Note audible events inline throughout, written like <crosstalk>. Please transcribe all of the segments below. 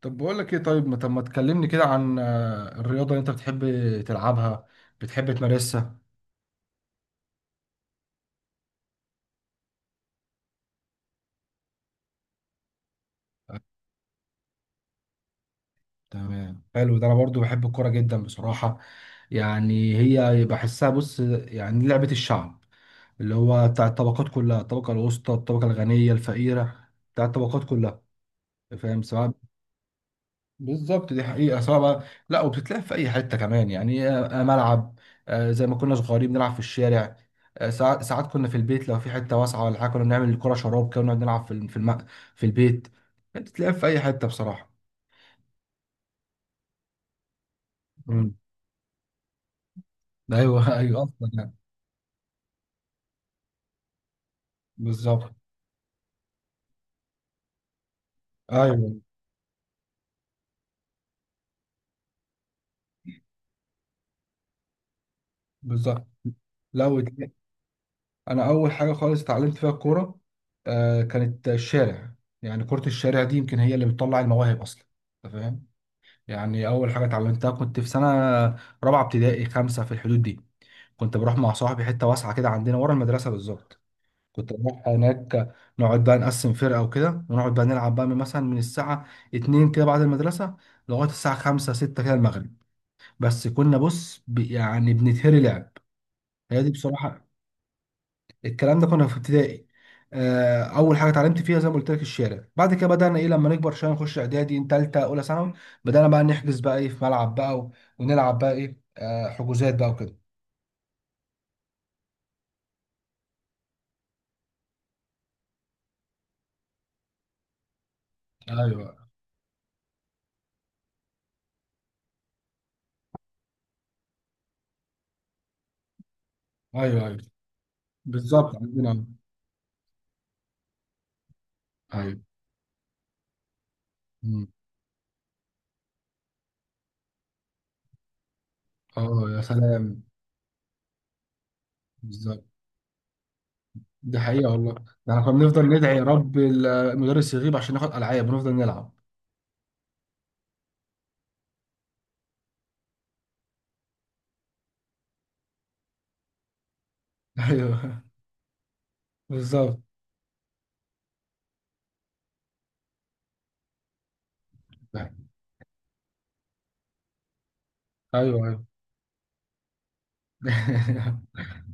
طب بقول لك ايه، طيب، ما تكلمني كده عن الرياضة اللي انت بتحب تلعبها، بتحب تمارسها. آه، تمام، حلو ده. انا برضو بحب الكوره جدا بصراحة. يعني هي بحسها، بص، يعني لعبة الشعب اللي هو بتاع الطبقات كلها، الطبقة الوسطى، الطبقة الغنية، الفقيرة، بتاع الطبقات كلها، فاهم؟ سواء بالظبط، دي حقيقة. سواء بقى، لا، وبتتلعب في أي حتة كمان، يعني ملعب، زي ما كنا صغيرين بنلعب في الشارع. ساعات ساعات كنا في البيت، لو في حتة واسعة ولا حاجة، كنا بنعمل الكرة شراب كده ونقعد نلعب في البيت. بتتلعب في أي حتة بصراحة. مم. ايوه <laughs> ايوه أصلا، يعني بالظبط. أيوه، بالظبط. لو اتل- أنا أول حاجة خالص اتعلمت فيها الكورة كانت الشارع. يعني كرة الشارع دي يمكن هي اللي بتطلع المواهب أصلا، أنت فاهم؟ يعني اول حاجه اتعلمتها كنت في سنه رابعه ابتدائي، خمسه، في الحدود دي. كنت بروح مع صاحبي حته واسعه كده عندنا ورا المدرسه بالظبط. كنت بروح هناك، نقعد بقى نقسم فرقه وكده، ونقعد بقى نلعب بقى من مثلا من الساعه 2 كده بعد المدرسه، لغايه الساعه 5 6 كده المغرب. بس كنا، بص، يعني بنتهري لعب. هي دي بصراحه. الكلام ده كنا في ابتدائي. اول حاجه اتعلمت فيها زي ما قلت لك الشارع، بعد كده بدانا ايه لما نكبر شويه نخش اعدادي، ثالثه، اولى ثانوي، بدانا بقى نحجز بقى ايه في ملعب بقى، ونلعب بقى ايه حجوزات بقى وكده. ايوه، ايوه. ايوه، بالظبط، عندنا. ايوه. مم. اه يا سلام، بالظبط. دي حقيقة والله. ده احنا كنا بنفضل ندعي يا رب المدرس يغيب عشان ناخد العاب ونفضل نلعب. <laughs> ايوه، بالظبط. ايوه، ايوه. <laughs>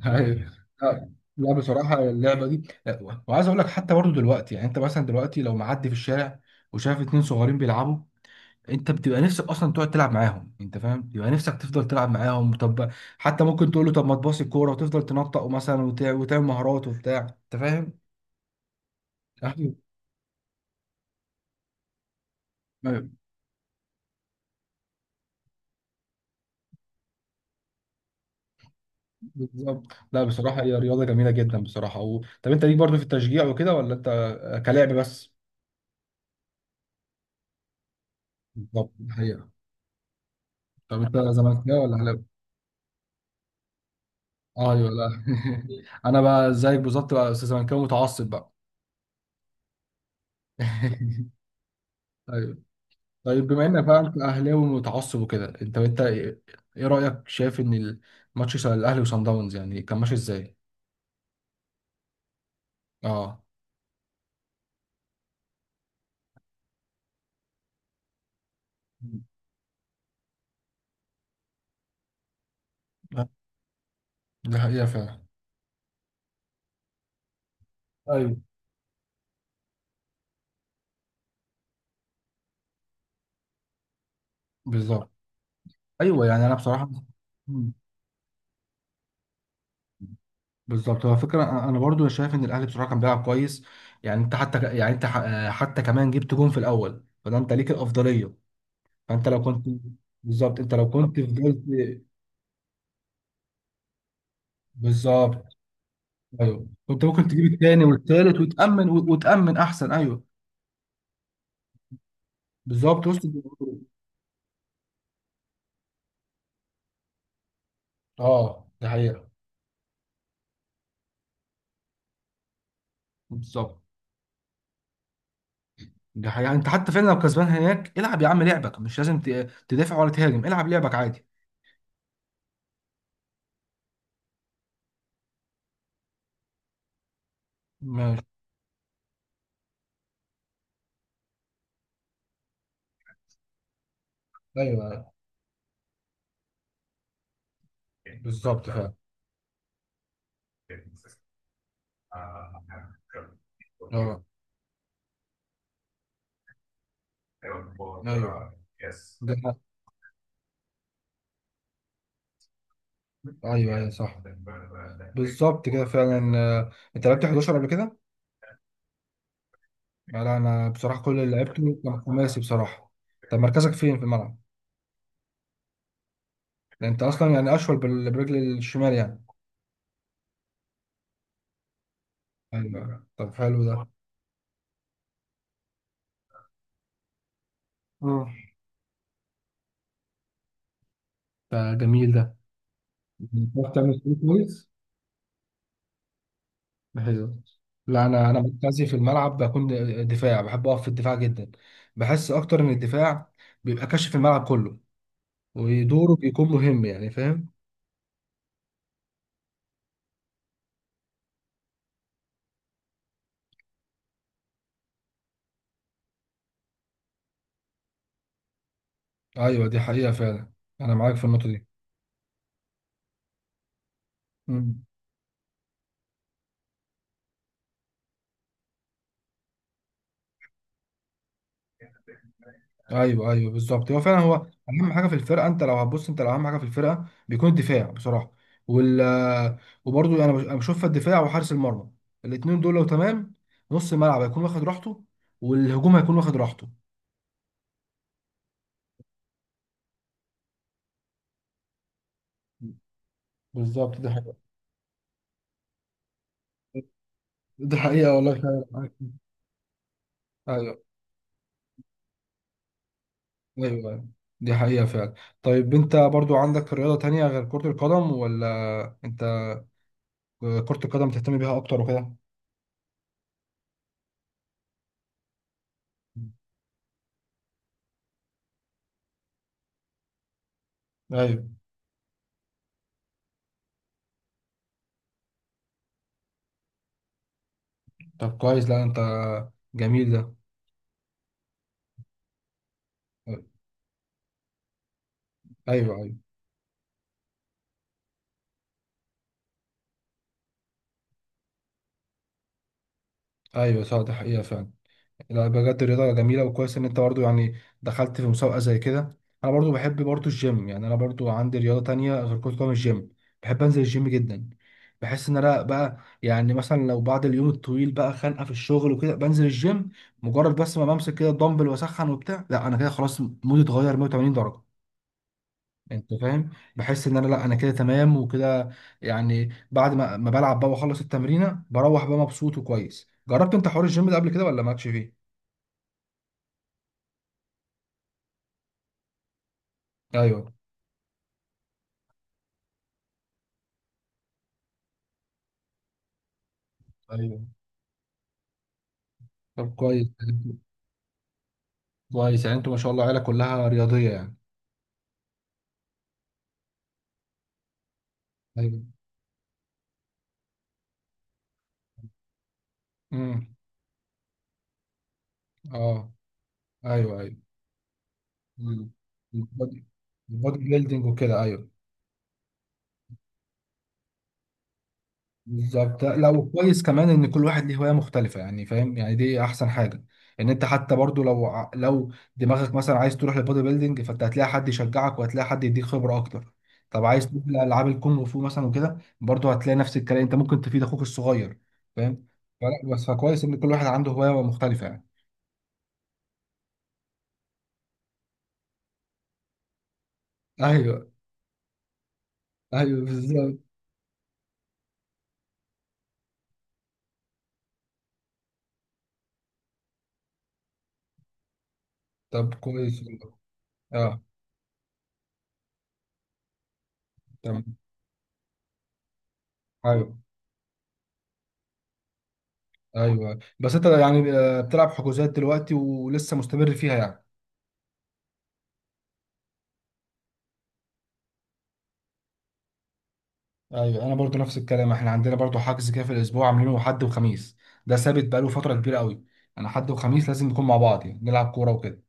أيوة. لا، لا بصراحة اللعبة دي، لا، وعايز أقول لك حتى برضو دلوقتي، يعني أنت مثلا دلوقتي لو معدي في الشارع وشايف اتنين صغيرين بيلعبوا، أنت بتبقى نفسك أصلا تقعد تلعب معاهم، أنت فاهم؟ بيبقى نفسك تفضل تلعب معاهم. طب، حتى ممكن تقول له طب ما تباصي الكورة وتفضل تنطق مثلا وتعمل مهارات وبتاع، أنت فاهم؟ أيوة. ما- بالظبط. لا بصراحة هي رياضة جميلة جدا بصراحة. و... طب أنت ليك برضو في التشجيع وكده، ولا أنت كلاعب بس؟ بالظبط الحقيقة. طب أنت زملكاوي ولا؟ ايوه، لا. <laughs> انا بقى زيك بالظبط بقى، استاذ زملكاوي متعصب بقى. <laughs> ايوه. طيب، بما انك بقى انت اهلاوي متعصب وكده، انت ايه؟ إيه رايك؟ شايف ان الماتش بتاع الاهلي وصن داونز يعني كان ماشي ازاي؟ اه، ده حقيقه فعلا. ايوه، بالظبط. ايوه. يعني انا بصراحه، مم. بالظبط هو فكره، انا برضو شايف ان الاهلي بصراحه كان بيلعب كويس. يعني انت حتى ك- يعني انت ح- حتى كمان جبت جون في الاول، فده انت ليك الافضليه. فانت لو كنت، بالظبط، انت لو كنت فضلت. بالظبط، ايوه، كنت ممكن تجيب الثاني والثالث وتامن وتامن احسن. ايوه، بالظبط، وسط الجمهور. اه، ده حقيقه. بالظبط، ده حقيقه. انت حتى فعلا لو كسبان هناك، العب يا عم لعبك، مش لازم تدافع ولا تهاجم، العب لعبك عادي. ماشي، ايوه. أيوة. بالظبط فعلا. اه. ايوه. ده حق. ايوه، ايوه، صح. بالظبط كده فعلا، انت لعبت 11 قبل كده. لا انا بصراحه كل اللي لعبته كان خماسي بصراحه. طب مركزك فين في الملعب؟ ده انت اصلا يعني اشول برجل الشمال يعني. ايوه، طب حلو ده. اه، ده جميل ده. بتعرف تعمل سكيل كويس؟ ده حلو. لا، انا مركزي في الملعب بكون دفاع، بحب اقف في الدفاع جدا. بحس اكتر ان الدفاع بيبقى كاشف الملعب كله، ودوره بيكون مهم، يعني فاهم؟ ايوه دي حقيقه فعلا. انا معاك في النقطه دي. ايوه، ايوه، بالظبط. هو فعلا هو اهم حاجه في الفرقه. انت لو هتبص، انت لو اهم حاجه في الفرقه بيكون الدفاع بصراحه. وال وبرضه انا أنا بشوف الدفاع وحارس المرمى، الاثنين دول لو تمام، نص الملعب هيكون واخد راحته، والهجوم هيكون واخد راحته. بالظبط، دي حقيقة. دي حقيقة والله، فعلا معاك. ايوه، ايوه. أيوة. دي حقيقة فعلا. طيب انت برضو عندك رياضة تانية غير كرة القدم، ولا انت كرة القدم تهتم بيها اكتر وكده؟ ايوه. طب كويس. لا انت، جميل ده. ايوه، ايوه، صح. ده حقيقه فعلا. لا بجد الرياضه جميله، وكويس ان انت برضو يعني دخلت في مسابقه زي كده. انا برضو بحب برضو الجيم، يعني انا برضو عندي رياضه تانية غير كره قدم، الجيم. بحب انزل الجيم جدا. بحس ان انا بقى يعني مثلا لو بعد اليوم الطويل بقى خانقه في الشغل وكده، بنزل الجيم، مجرد بس ما بمسك كده الدمبل واسخن وبتاع، لا انا كده خلاص، مودي اتغير 180 درجه، انت فاهم؟ بحس ان انا، لا، انا كده تمام وكده. يعني بعد ما بلعب بقى واخلص التمرينه، بروح بقى مبسوط وكويس. جربت انت حوار الجيم ده قبل كده ولا مالكش فيه؟ ايوه، ايوه. طب كويس. كويس، يعني انتوا ما شاء الله عيله كلها رياضيه يعني. ايوه. امم. اه، ايوه، ايوه. امم. البودي البودي بيلدينج وكده، ايوه. بالظبط. لا، وكويس كمان ان كل واحد ليه هوايه مختلفه يعني، فاهم؟ يعني دي احسن حاجه، ان انت حتى برضو لو دماغك مثلا عايز تروح للبودي بيلدينج، فانت هتلاقي حد يشجعك وهتلاقي حد يديك خبره اكتر. طب عايز تروح لالعاب الكونغ فو مثلا وكده، برضو هتلاقي نفس الكلام، انت ممكن تفيد اخوك الصغير، فاهم؟ فلا بس، فكويس ان كل واحد عنده هوايه مختلفه يعني. ايوه، ايوه، بالظبط. طب كويس والله. اه، تمام. ايوه، ايوه. بس انت يعني بتلعب حجوزات دلوقتي ولسه مستمر فيها يعني؟ ايوه، انا برضو نفس الكلام. احنا عندنا برضو حجز كده في الاسبوع، عاملينه حد وخميس، ده ثابت بقاله فتره كبيره قوي. انا حد وخميس لازم نكون مع بعض، يعني نلعب كوره وكده.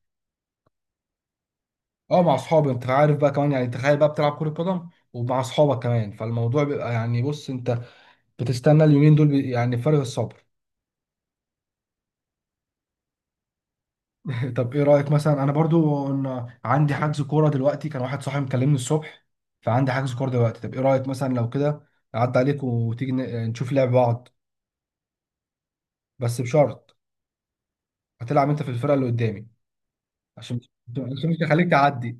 اه، مع اصحابي، انت عارف بقى كمان يعني، تخيل بقى بتلعب كره قدم ومع اصحابك كمان، فالموضوع بيبقى يعني بص، انت بتستنى اليومين دول، يعني فارغ الصبر. <laughs> طب ايه رايك مثلا، انا برضو ان عندي حجز كوره دلوقتي، كان واحد صاحبي مكلمني الصبح، فعندي حجز كوره دلوقتي. طب ايه رايك مثلا لو كده اعدي عليك وتيجي نشوف لعب بعض؟ بس بشرط، هتلعب انت في الفرقه اللي قدامي، عشان عشان مش هخليك تعدي.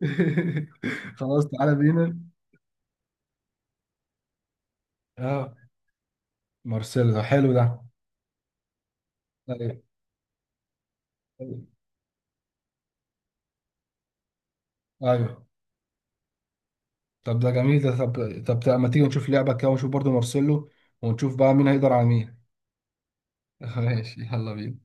<laughs> خلاص، تعالى بينا. اه، مارسيلو، ده حلو ده. ايوه، ايوه. طب ده جميل ده. طب ما تيجي نشوف لعبة كده ونشوف برضو مارسيلو، ونشوف بقى مين هيقدر على مين. <laughs> ماشي، يلا بينا.